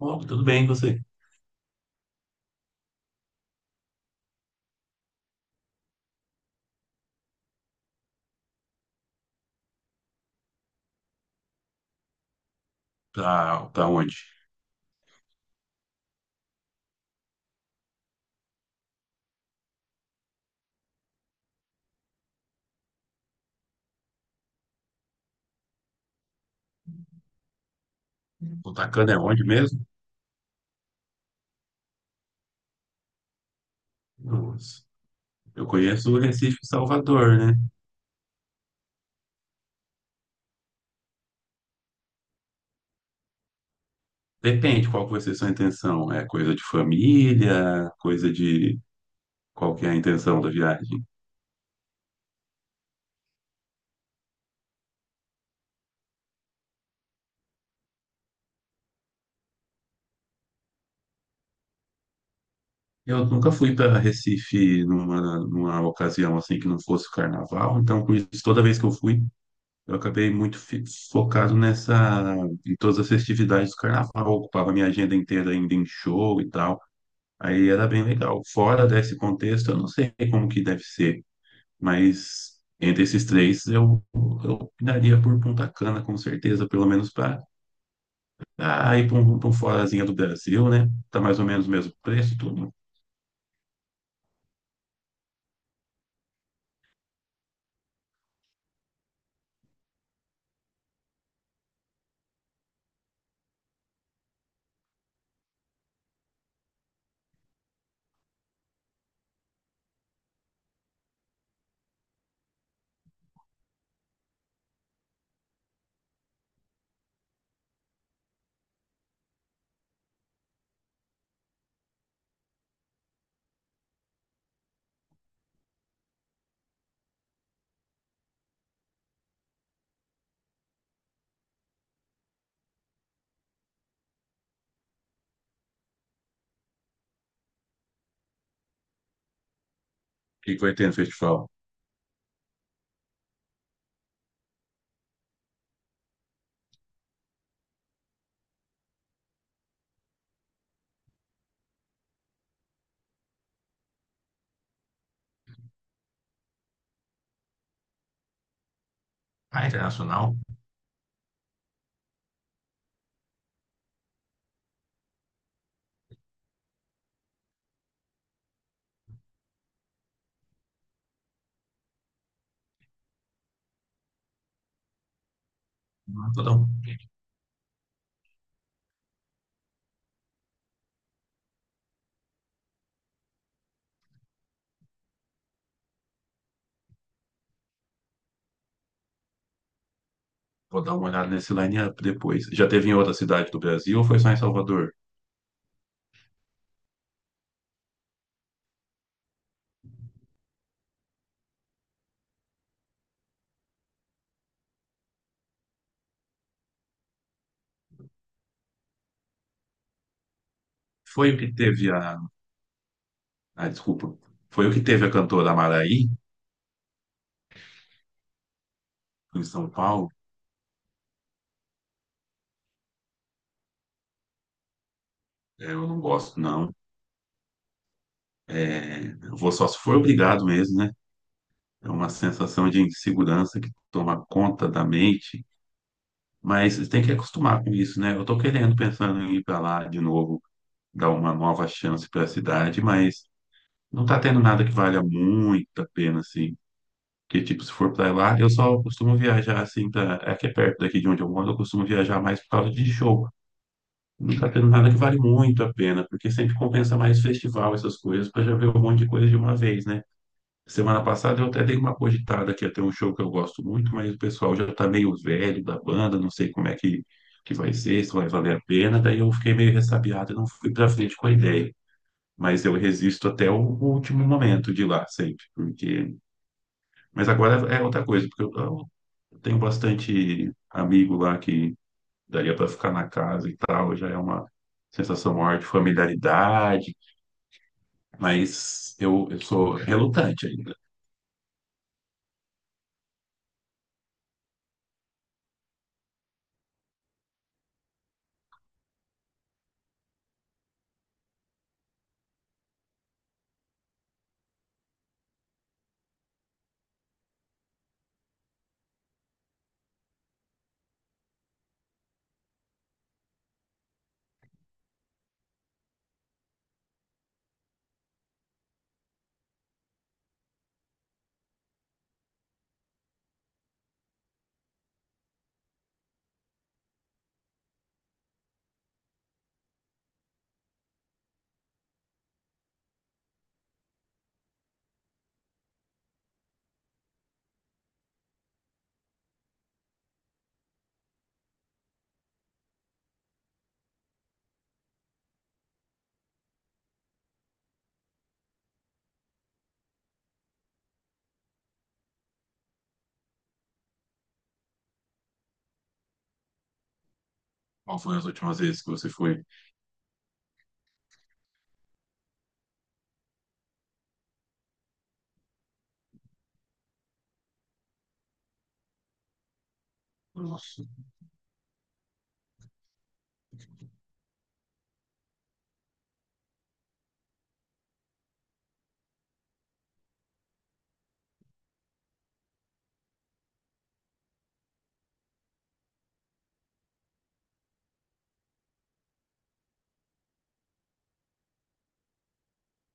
Bom, tudo bem, e você? Tá, onde? Cotacana é onde mesmo? Nossa. Eu conheço o Recife e Salvador, né? Depende qual que vai ser sua intenção. É coisa de família, coisa de... Qual que é a intenção da viagem? Eu nunca fui para Recife numa ocasião assim que não fosse o carnaval, então por isso, toda vez que eu fui, eu acabei muito fi- focado nessa, em todas as festividades do carnaval, ocupava minha agenda inteira ainda em show e tal. Aí era bem legal. Fora desse contexto, eu não sei como que deve ser, mas entre esses três eu opinaria por Punta Cana, com certeza, pelo menos para pra um forazinho do Brasil, né? Tá mais ou menos o mesmo preço, tudo. O que que vai ter no festival? Ah, internacional? Ah, Vou dar, um- Vou dar uma olhada nesse line-up depois. Já teve em outra cidade do Brasil ou foi só em Salvador? Foi o que teve a. Ah, desculpa. Foi o que teve a cantora Maraí em São Paulo. É, eu não gosto, não. É, eu vou só se for obrigado mesmo, né? É uma sensação de insegurança que toma conta da mente, mas tem que acostumar com isso, né? Pensando em ir para lá de novo, dar uma nova chance para a cidade, mas não tá tendo nada que valha muito a pena, assim. Porque, tipo, se for para lá, eu só costumo viajar, assim, pra... é que é perto daqui de onde eu moro, eu costumo viajar mais por causa de show. Não tá tendo nada que vale muito a pena, porque sempre compensa mais festival, essas coisas, para já ver um monte de coisa de uma vez, né? Semana passada eu até dei uma cogitada que ia ter um show que eu gosto muito, mas o pessoal já tá meio velho da banda, não sei que vai ser, se vai valer a pena. Daí eu fiquei meio ressabiado e não fui pra frente com a ideia. Mas eu resisto até o último momento de ir lá, sempre. Porque... Mas agora é outra coisa, eu tenho bastante amigo lá que daria para ficar na casa e tal, já é uma sensação maior de familiaridade, mas eu sou relutante ainda. Qual foi as últimas vezes que você foi?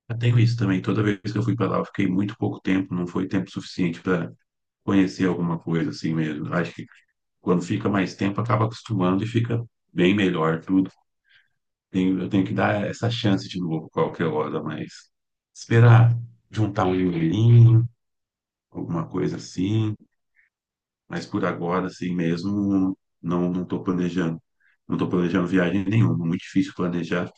Eu tenho isso também. Toda vez que eu fui para lá, eu fiquei muito pouco tempo, não foi tempo suficiente para conhecer alguma coisa assim mesmo. Acho que quando fica mais tempo, acaba acostumando e fica bem melhor tudo. Eu tenho que dar essa chance de novo qualquer hora, mas esperar juntar um dinheirinho, alguma coisa assim. Mas por agora, assim mesmo, não estou planejando. Não estou planejando viagem nenhuma, muito difícil planejar.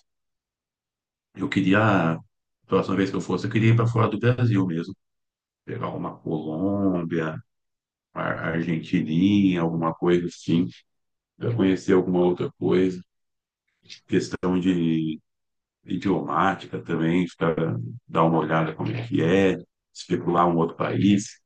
Eu queria, a próxima vez que eu fosse, eu queria ir para fora do Brasil mesmo, pegar uma Colômbia, a Argentininha, alguma coisa assim, para conhecer alguma outra coisa. Questão de idiomática também, para dar uma olhada como é que é, especular um outro país.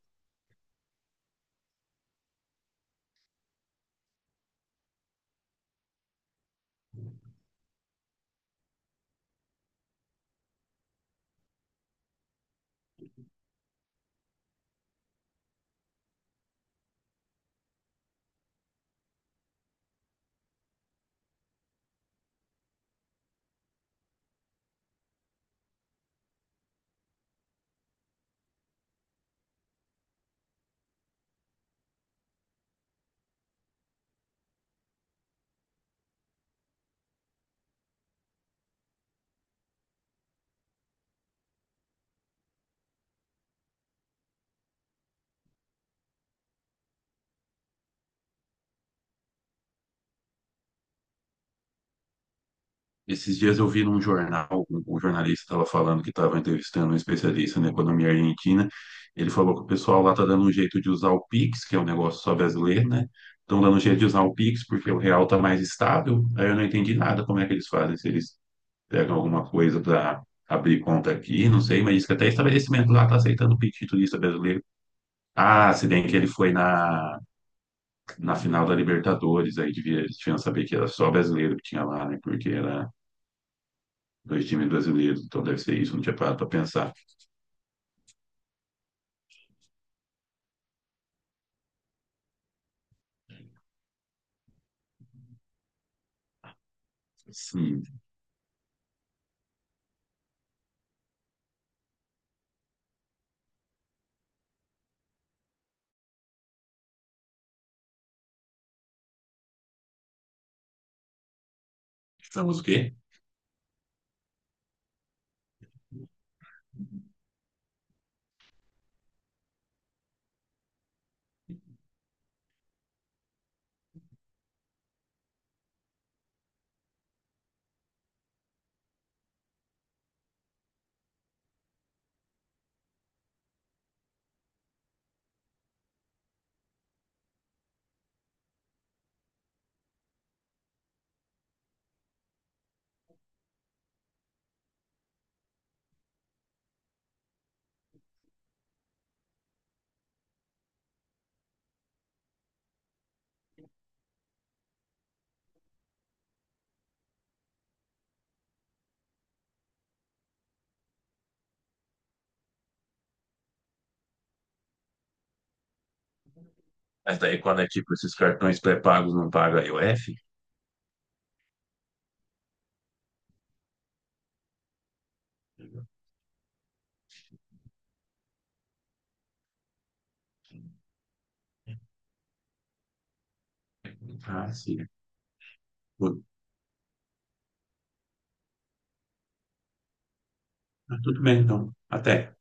Esses dias eu vi num jornal, um jornalista estava falando que estava entrevistando um especialista na economia argentina. Ele falou que o pessoal lá está dando um jeito de usar o Pix, que é um negócio só brasileiro, né? Estão dando um jeito de usar o Pix porque o real está mais estável. Aí eu não entendi nada como é que eles fazem, se eles pega alguma coisa para abrir conta aqui, não sei, mas diz que até estabelecimento lá tá aceitando o pedido de turista brasileiro. Ah, se bem que ele foi na final da Libertadores, aí devia, eles tinham que saber que era só brasileiro que tinha lá, né? Porque era dois times brasileiros, então deve ser isso, não tinha parado para pensar. Sim, estamos o quê? Mas daí quando é tipo esses cartões pré-pagos não pagam a IOF? Ah, sim. Ah, tudo bem, então. Até.